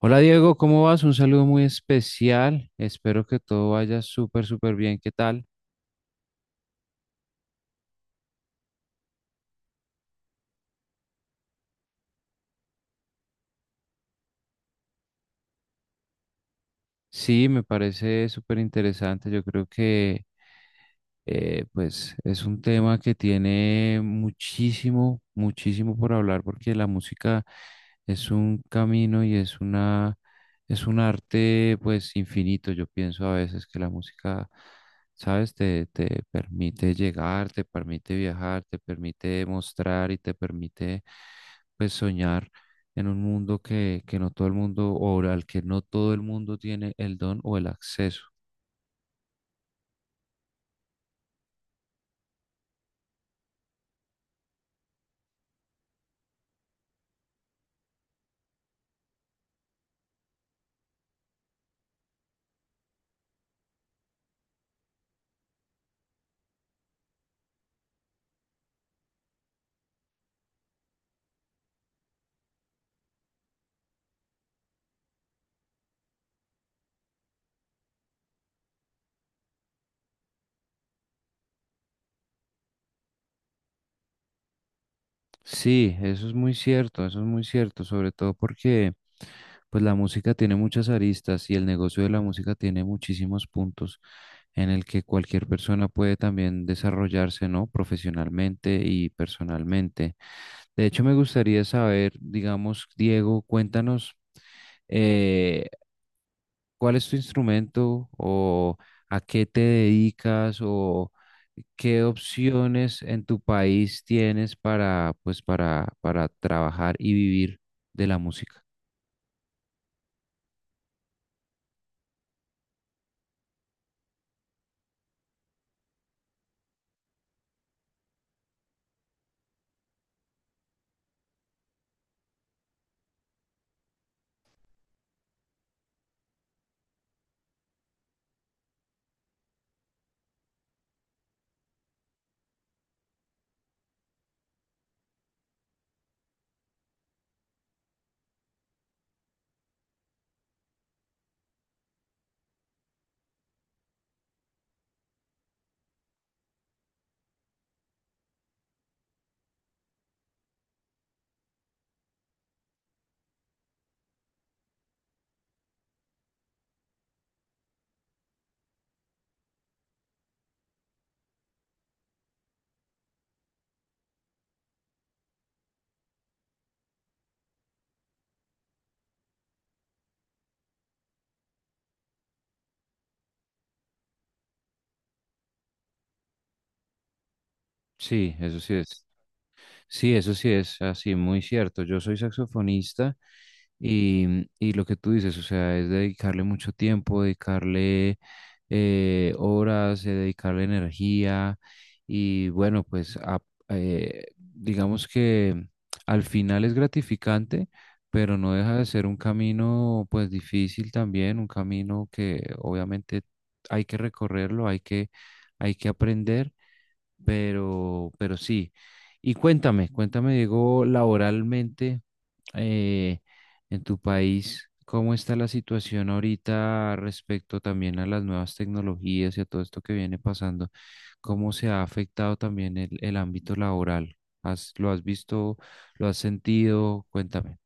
Hola Diego, ¿cómo vas? Un saludo muy especial. Espero que todo vaya súper, súper bien. ¿Qué tal? Sí, me parece súper interesante. Yo creo que pues es un tema que tiene muchísimo, muchísimo por hablar porque la música es un camino y es una, es un arte pues infinito. Yo pienso a veces que la música, sabes, te permite llegar, te permite viajar, te permite mostrar y te permite pues soñar en un mundo que no todo el mundo o al que no todo el mundo tiene el don o el acceso. Sí, eso es muy cierto, eso es muy cierto, sobre todo porque pues la música tiene muchas aristas y el negocio de la música tiene muchísimos puntos en el que cualquier persona puede también desarrollarse, ¿no? Profesionalmente y personalmente. De hecho, me gustaría saber, digamos, Diego, cuéntanos eh, ¿cuál es tu instrumento o a qué te dedicas o qué opciones en tu país tienes para trabajar y vivir de la música? Sí, eso sí es. Sí, eso sí es así, muy cierto. Yo soy saxofonista y, y lo que tú dices, o sea, es dedicarle mucho tiempo, dedicarle horas, dedicarle energía y bueno, digamos que al final es gratificante, pero no deja de ser un camino pues difícil también, un camino que obviamente hay que recorrerlo, hay que aprender pero sí. Y cuéntame, cuéntame, Diego, laboralmente eh, en tu país, ¿cómo está la situación ahorita respecto también a las nuevas tecnologías y a todo esto que viene pasando? ¿Cómo se ha afectado también el ámbito laboral? ¿Has- lo has visto? ¿Lo has sentido? Cuéntame.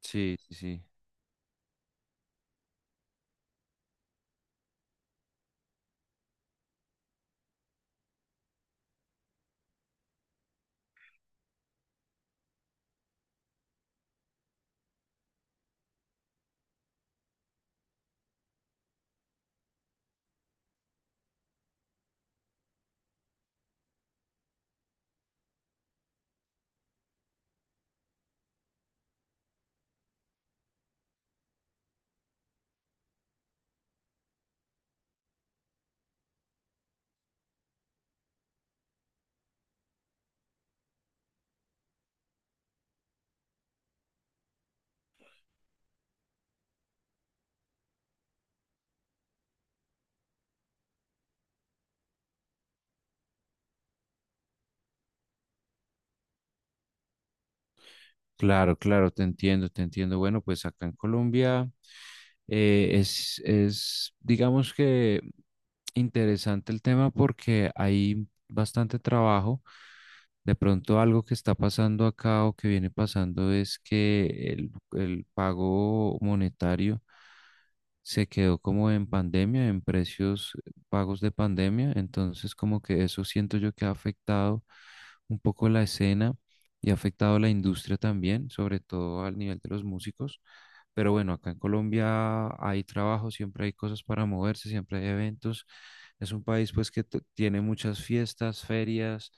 Sí, sí, sí. Claro, claro, te entiendo, te entiendo. Bueno, pues acá en Colombia es, digamos que interesante el tema porque hay bastante trabajo. De pronto algo que está pasando acá o que viene pasando es que el pago monetario se quedó como en pandemia, en precios pagos de pandemia. Entonces como que eso siento yo que ha afectado un poco la escena y ha afectado la industria también, sobre todo al nivel de los músicos. Pero bueno, acá en Colombia hay trabajo, siempre hay cosas para moverse, siempre hay eventos. Es un país pues que tiene muchas fiestas, ferias,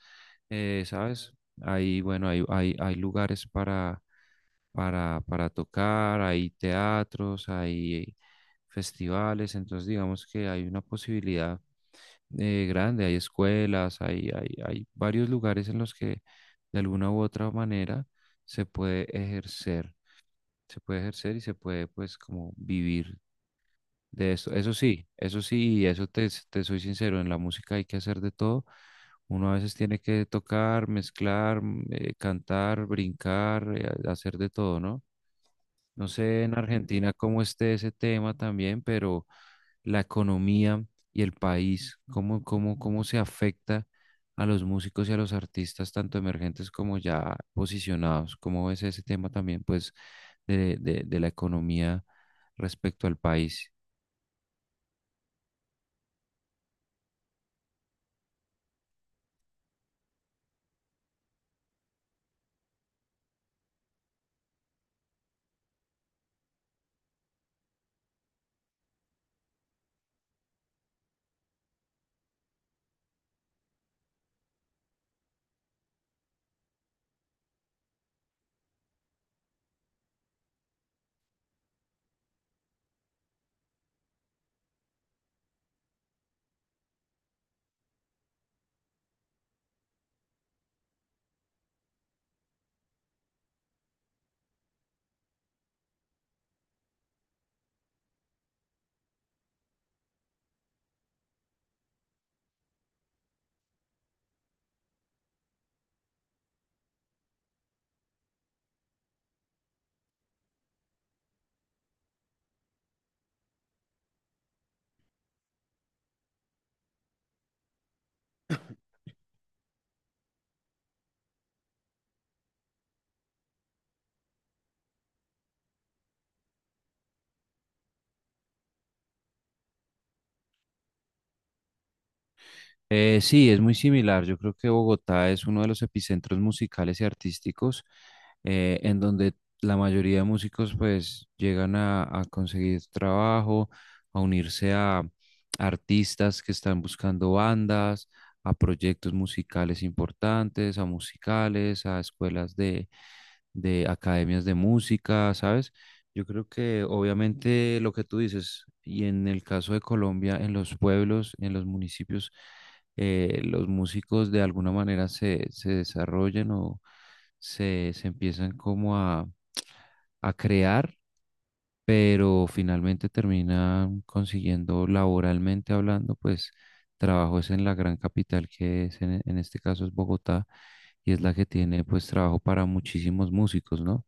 ¿sabes? Ahí, bueno, hay lugares para tocar, hay teatros, hay festivales, entonces digamos que hay una posibilidad grande, hay escuelas, hay varios lugares en los que de alguna u otra manera se puede ejercer, se puede ejercer y se puede pues como vivir de eso, eso sí, te soy sincero, en la música hay que hacer de todo. Uno a veces tiene que tocar, mezclar, cantar, brincar, hacer de todo, ¿no? No sé en Argentina cómo esté ese tema también, pero la economía y el país, cómo se afecta a los músicos y a los artistas, tanto emergentes como ya posicionados. ¿Cómo ves ese tema también, pues, de, de la economía respecto al país? Sí, es muy similar. Yo creo que Bogotá es uno de los epicentros musicales y artísticos en donde la mayoría de músicos pues llegan a conseguir trabajo, a unirse a artistas que están buscando bandas, a proyectos musicales importantes, a musicales, a escuelas de academias de música, ¿sabes? Yo creo que obviamente lo que tú dices, y en el caso de Colombia, en los pueblos, en los municipios, los músicos de alguna manera se desarrollan o se empiezan como a crear, pero finalmente terminan consiguiendo laboralmente hablando, pues trabajos en la gran capital que es en este caso es Bogotá y es la que tiene pues trabajo para muchísimos músicos, ¿no?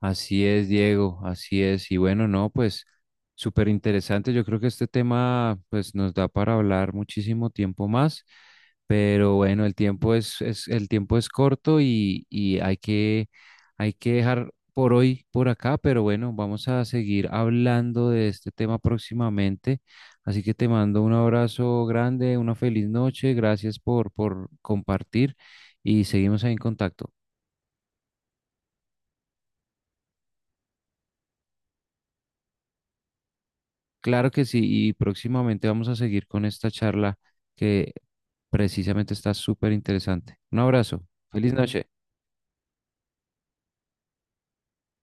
Así es, Diego, así es. Y bueno, no, pues súper interesante. Yo creo que este tema pues nos da para hablar muchísimo tiempo más, pero bueno, el tiempo es, el tiempo es corto y hay que dejar por hoy por acá, pero bueno, vamos a seguir hablando de este tema próximamente. Así que te mando un abrazo grande, una feliz noche, gracias por compartir y seguimos ahí en contacto. Claro que sí, y próximamente vamos a seguir con esta charla que precisamente está súper interesante. Un abrazo, feliz noche.